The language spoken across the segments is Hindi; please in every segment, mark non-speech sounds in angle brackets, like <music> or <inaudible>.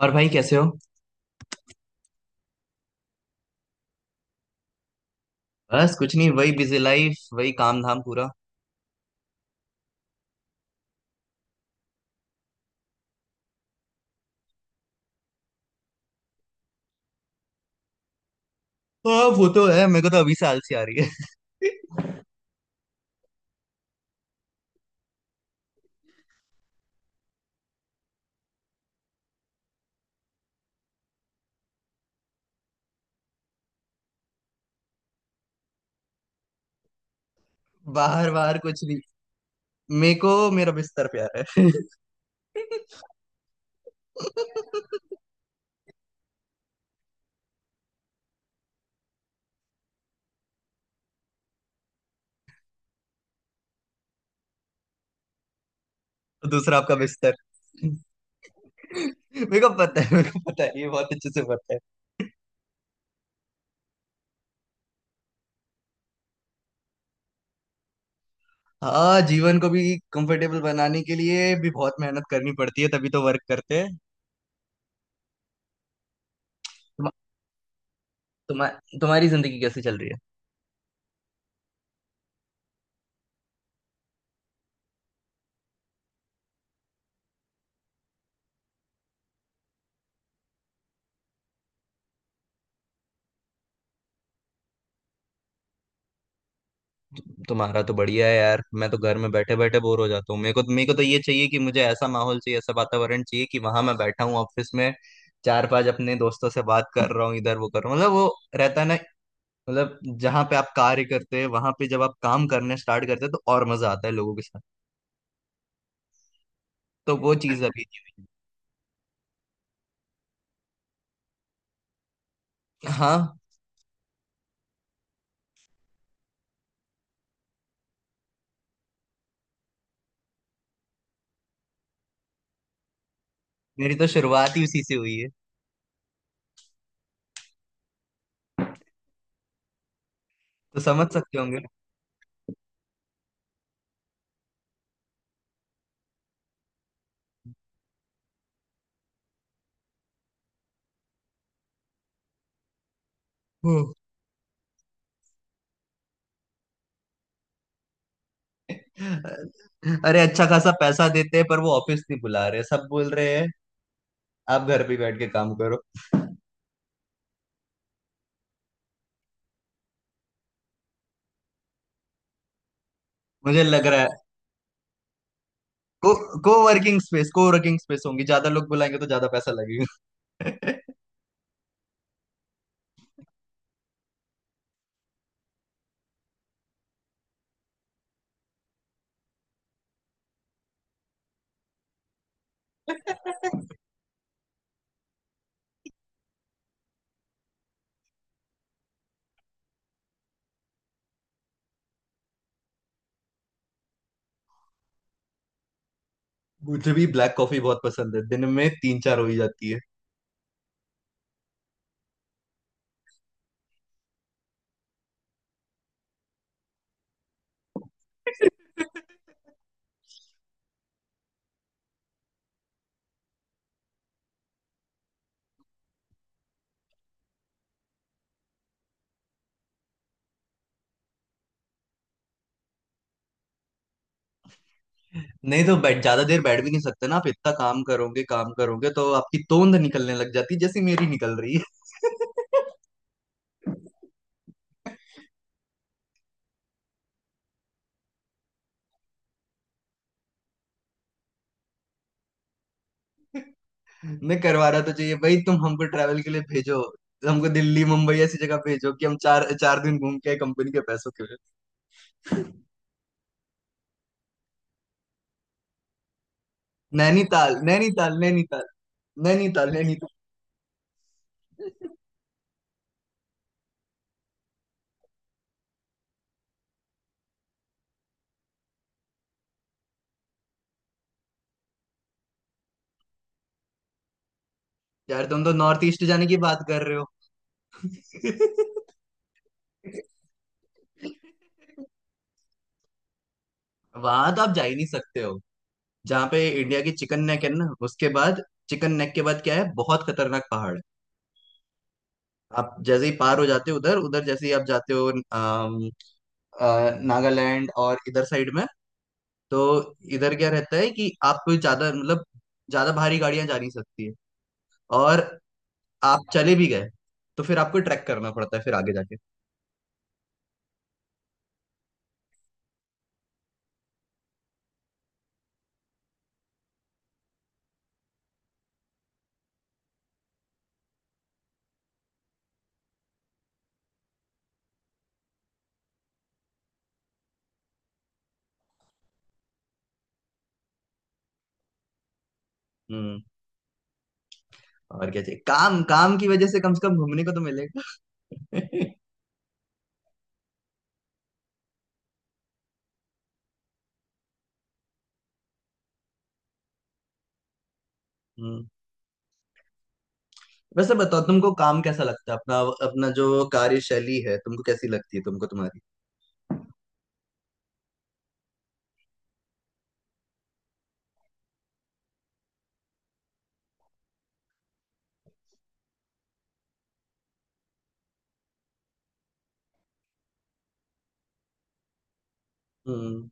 और भाई कैसे हो? बस कुछ नहीं, वही बिजी लाइफ, वही काम धाम पूरा। हाँ, वो तो है। मेरे को तो अभी से आलसी आ रही है। <laughs> बाहर बाहर कुछ नहीं। मेरे को मेरा बिस्तर प्यार है। <laughs> तो दूसरा आपका बिस्तर। <laughs> मेरे को पता है, मेरे को पता है, ये बहुत अच्छे से पता है। हाँ, जीवन को भी कंफर्टेबल बनाने के लिए भी बहुत मेहनत करनी पड़ती है, तभी तो वर्क करते हैं। तुम, तुम्हा, तुम्हारी जिंदगी कैसे चल रही है? तुम्हारा तो बढ़िया है यार। मैं तो घर में बैठे बैठे बोर हो जाता हूँ। मेरे को तो ये चाहिए कि मुझे ऐसा माहौल चाहिए, ऐसा वातावरण चाहिए, कि वहां मैं बैठा हूँ ऑफिस में, चार पांच अपने दोस्तों से बात कर रहा हूँ, इधर वो कर रहा हूँ, मतलब वो रहता है ना, मतलब जहाँ पे आप कार्य करते हैं वहां पे जब आप काम करने स्टार्ट करते हैं तो और मजा आता है लोगों के साथ। तो वो चीज अभी नहीं हुई है। हाँ। मेरी तो शुरुआत ही उसी से हुई है, तो समझ सकते होंगे। <laughs> हम्म। अरे, अच्छा खासा पैसा देते हैं, पर वो ऑफिस नहीं बुला रहे, सब बोल रहे हैं आप घर पे बैठ के काम। मुझे लग रहा है को को वर्किंग स्पेस होंगी, ज्यादा लोग बुलाएंगे तो ज्यादा पैसा लगेगा। <laughs> मुझे भी ब्लैक कॉफी बहुत पसंद है, दिन में तीन चार हो ही जाती है। नहीं तो बैठ ज्यादा देर बैठ भी नहीं सकते ना, आप इतना काम करोगे तो आपकी तोंद निकलने लग जाती है, जैसी मेरी निकल रही है। <laughs> नहीं, करवाना तो चाहिए भाई, तुम हमको ट्रैवल के लिए भेजो। हमको दिल्ली मुंबई ऐसी जगह भेजो कि हम चार चार दिन घूम के आए, कंपनी के पैसों के लिए। नैनीताल, नैनीताल, नैनीताल, नैनीताल, नैनीताल। यार, तुम तो नॉर्थ ईस्ट जाने की बात कर रहे हो। <laughs> वहां तो आप जा ही नहीं सकते हो, जहाँ पे इंडिया की चिकन नेक है ना, उसके बाद। चिकन नेक के बाद क्या है, बहुत खतरनाक पहाड़ है। आप जैसे ही पार हो जाते हो उधर उधर, जैसे ही आप जाते हो, अ, नागालैंड और इधर साइड में, तो इधर क्या रहता है कि आप कोई ज्यादा, मतलब, ज्यादा भारी गाड़ियां जा नहीं सकती है। और आप चले भी गए तो फिर आपको ट्रैक करना पड़ता है, फिर आगे जाके। हम्म। और क्या चाहिए, काम काम की वजह से कम घूमने को तो मिलेगा। <laughs> हम्म वैसे बताओ, तुमको काम कैसा लगता है अपना, अपना जो कार्यशैली है तुमको कैसी लगती है तुमको तुम्हारी? हम्म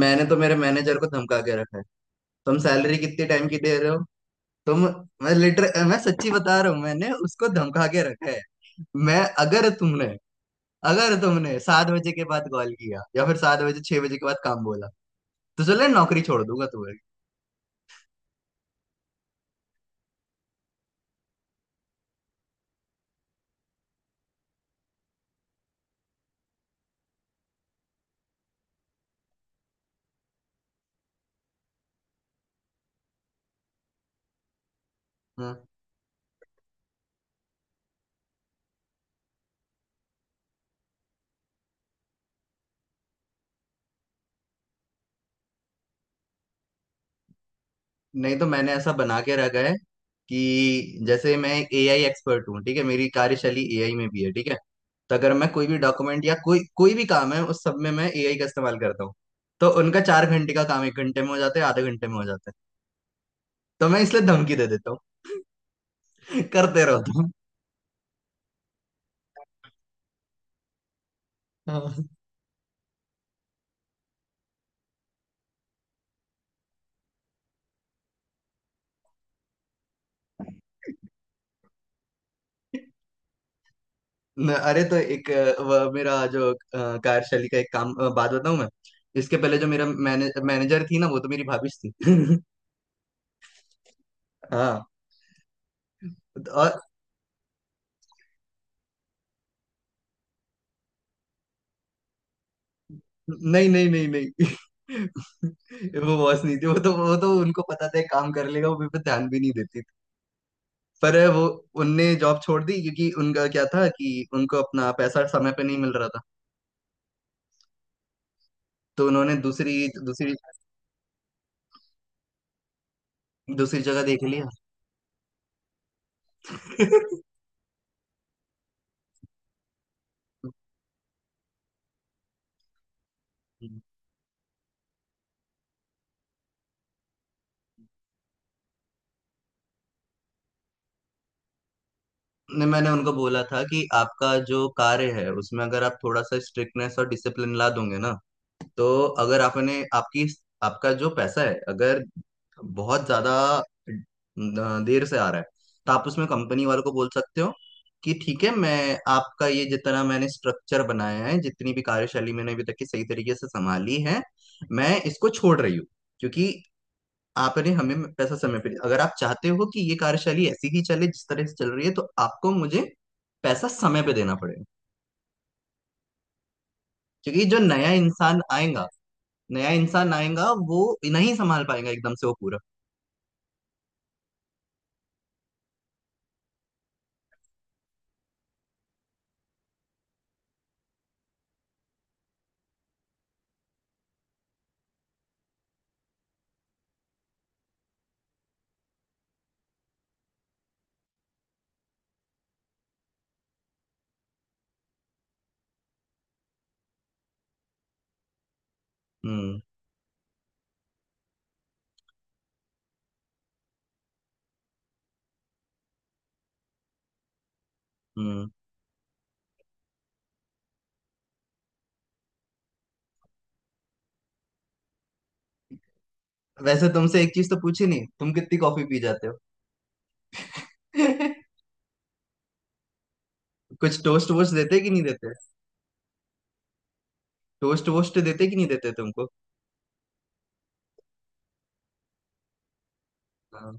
मैंने तो मेरे मैनेजर को धमका के रखा है। तुम सैलरी कितने टाइम की दे रहे हो? तुम मैं लिटर मैं सच्ची बता रहा हूँ, मैंने उसको धमका के रखा है। मैं अगर तुमने अगर तुमने 7 बजे के बाद कॉल किया या फिर 7 बजे 6 बजे के बाद काम बोला तो चले नौकरी छोड़ दूंगा तुम्हारी। हाँ। नहीं, तो मैंने ऐसा बना के रखा है कि जैसे मैं एक एआई एक्सपर्ट हूँ, ठीक है? मेरी कार्यशैली एआई में भी है, ठीक है? तो अगर मैं कोई भी डॉक्यूमेंट या कोई कोई भी काम है उस सब में मैं एआई का इस्तेमाल करता हूँ। तो उनका 4 घंटे का काम एक घंटे में हो जाता है, आधे घंटे में हो जाता है। तो मैं इसलिए धमकी दे देता हूँ। <laughs> करते रहो तुम। हाँ। <laughs> अरे तो एक वह मेरा जो कार्यशैली का एक काम बात बताऊं मैं। इसके पहले जो मेरा मैनेजर थी ना, वो तो मेरी भाभी थी। <laughs> हाँ। नहीं, नहीं, नहीं, नहीं। <laughs> वो बॉस नहीं थी, वो तो उनको पता था एक काम कर लेगा, वो मेरे पे ध्यान भी नहीं देती थी। पर वो उनने जॉब छोड़ दी, क्योंकि उनका क्या था कि उनको अपना पैसा समय पे नहीं मिल रहा था। तो उन्होंने दूसरी दूसरी दूसरी जगह देख लिया। <laughs> नहीं, मैंने उनको बोला था कि आपका जो कार्य है उसमें अगर आप थोड़ा सा स्ट्रिक्टनेस और डिसिप्लिन ला दोगे ना, तो अगर आपने आपकी आपका जो पैसा है अगर बहुत ज्यादा देर से आ रहा है, तो आप उसमें कंपनी वालों को बोल सकते हो कि ठीक है, मैं आपका ये जितना मैंने स्ट्रक्चर बनाया है, जितनी भी कार्यशैली मैंने अभी तक की सही तरीके से संभाली है, मैं इसको छोड़ रही हूँ, क्योंकि आपने हमें पैसा समय पे दिया। अगर आप चाहते हो कि ये कार्यशैली ऐसी ही चले जिस तरह से चल रही है, तो आपको मुझे पैसा समय पे देना पड़ेगा। क्योंकि जो नया इंसान आएगा, नया इंसान आएगा वो नहीं संभाल पाएगा एकदम से वो पूरा। हम्म हम्म वैसे तुमसे एक चीज तो पूछी नहीं, तुम कितनी कॉफी पी जाते हो? <laughs> कुछ टोस्ट वोस्ट देते कि नहीं देते? टोस्ट वोस्ट देते कि नहीं देते तुमको? हाँ।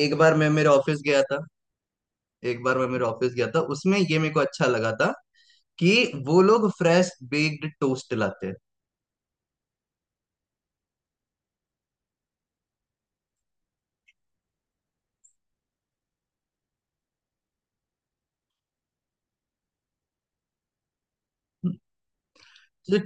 एक बार मैं मेरे ऑफिस गया था, एक बार मैं मेरे ऑफिस गया था, उसमें ये मेरे को अच्छा लगा था कि वो लोग फ्रेश बेक्ड टोस्ट लाते हैं। चलो।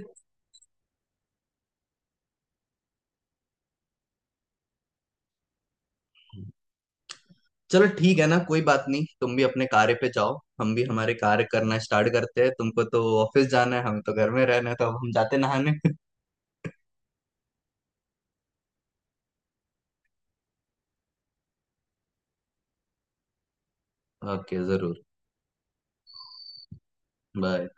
चलो, ठीक है ना, कोई बात नहीं, तुम भी अपने कार्य पे जाओ, हम भी हमारे कार्य करना स्टार्ट करते हैं, तुमको तो ऑफिस जाना है, हमें तो घर में रहना है, तो अब हम जाते नहाने। <laughs> ओके, जरूर। बाय।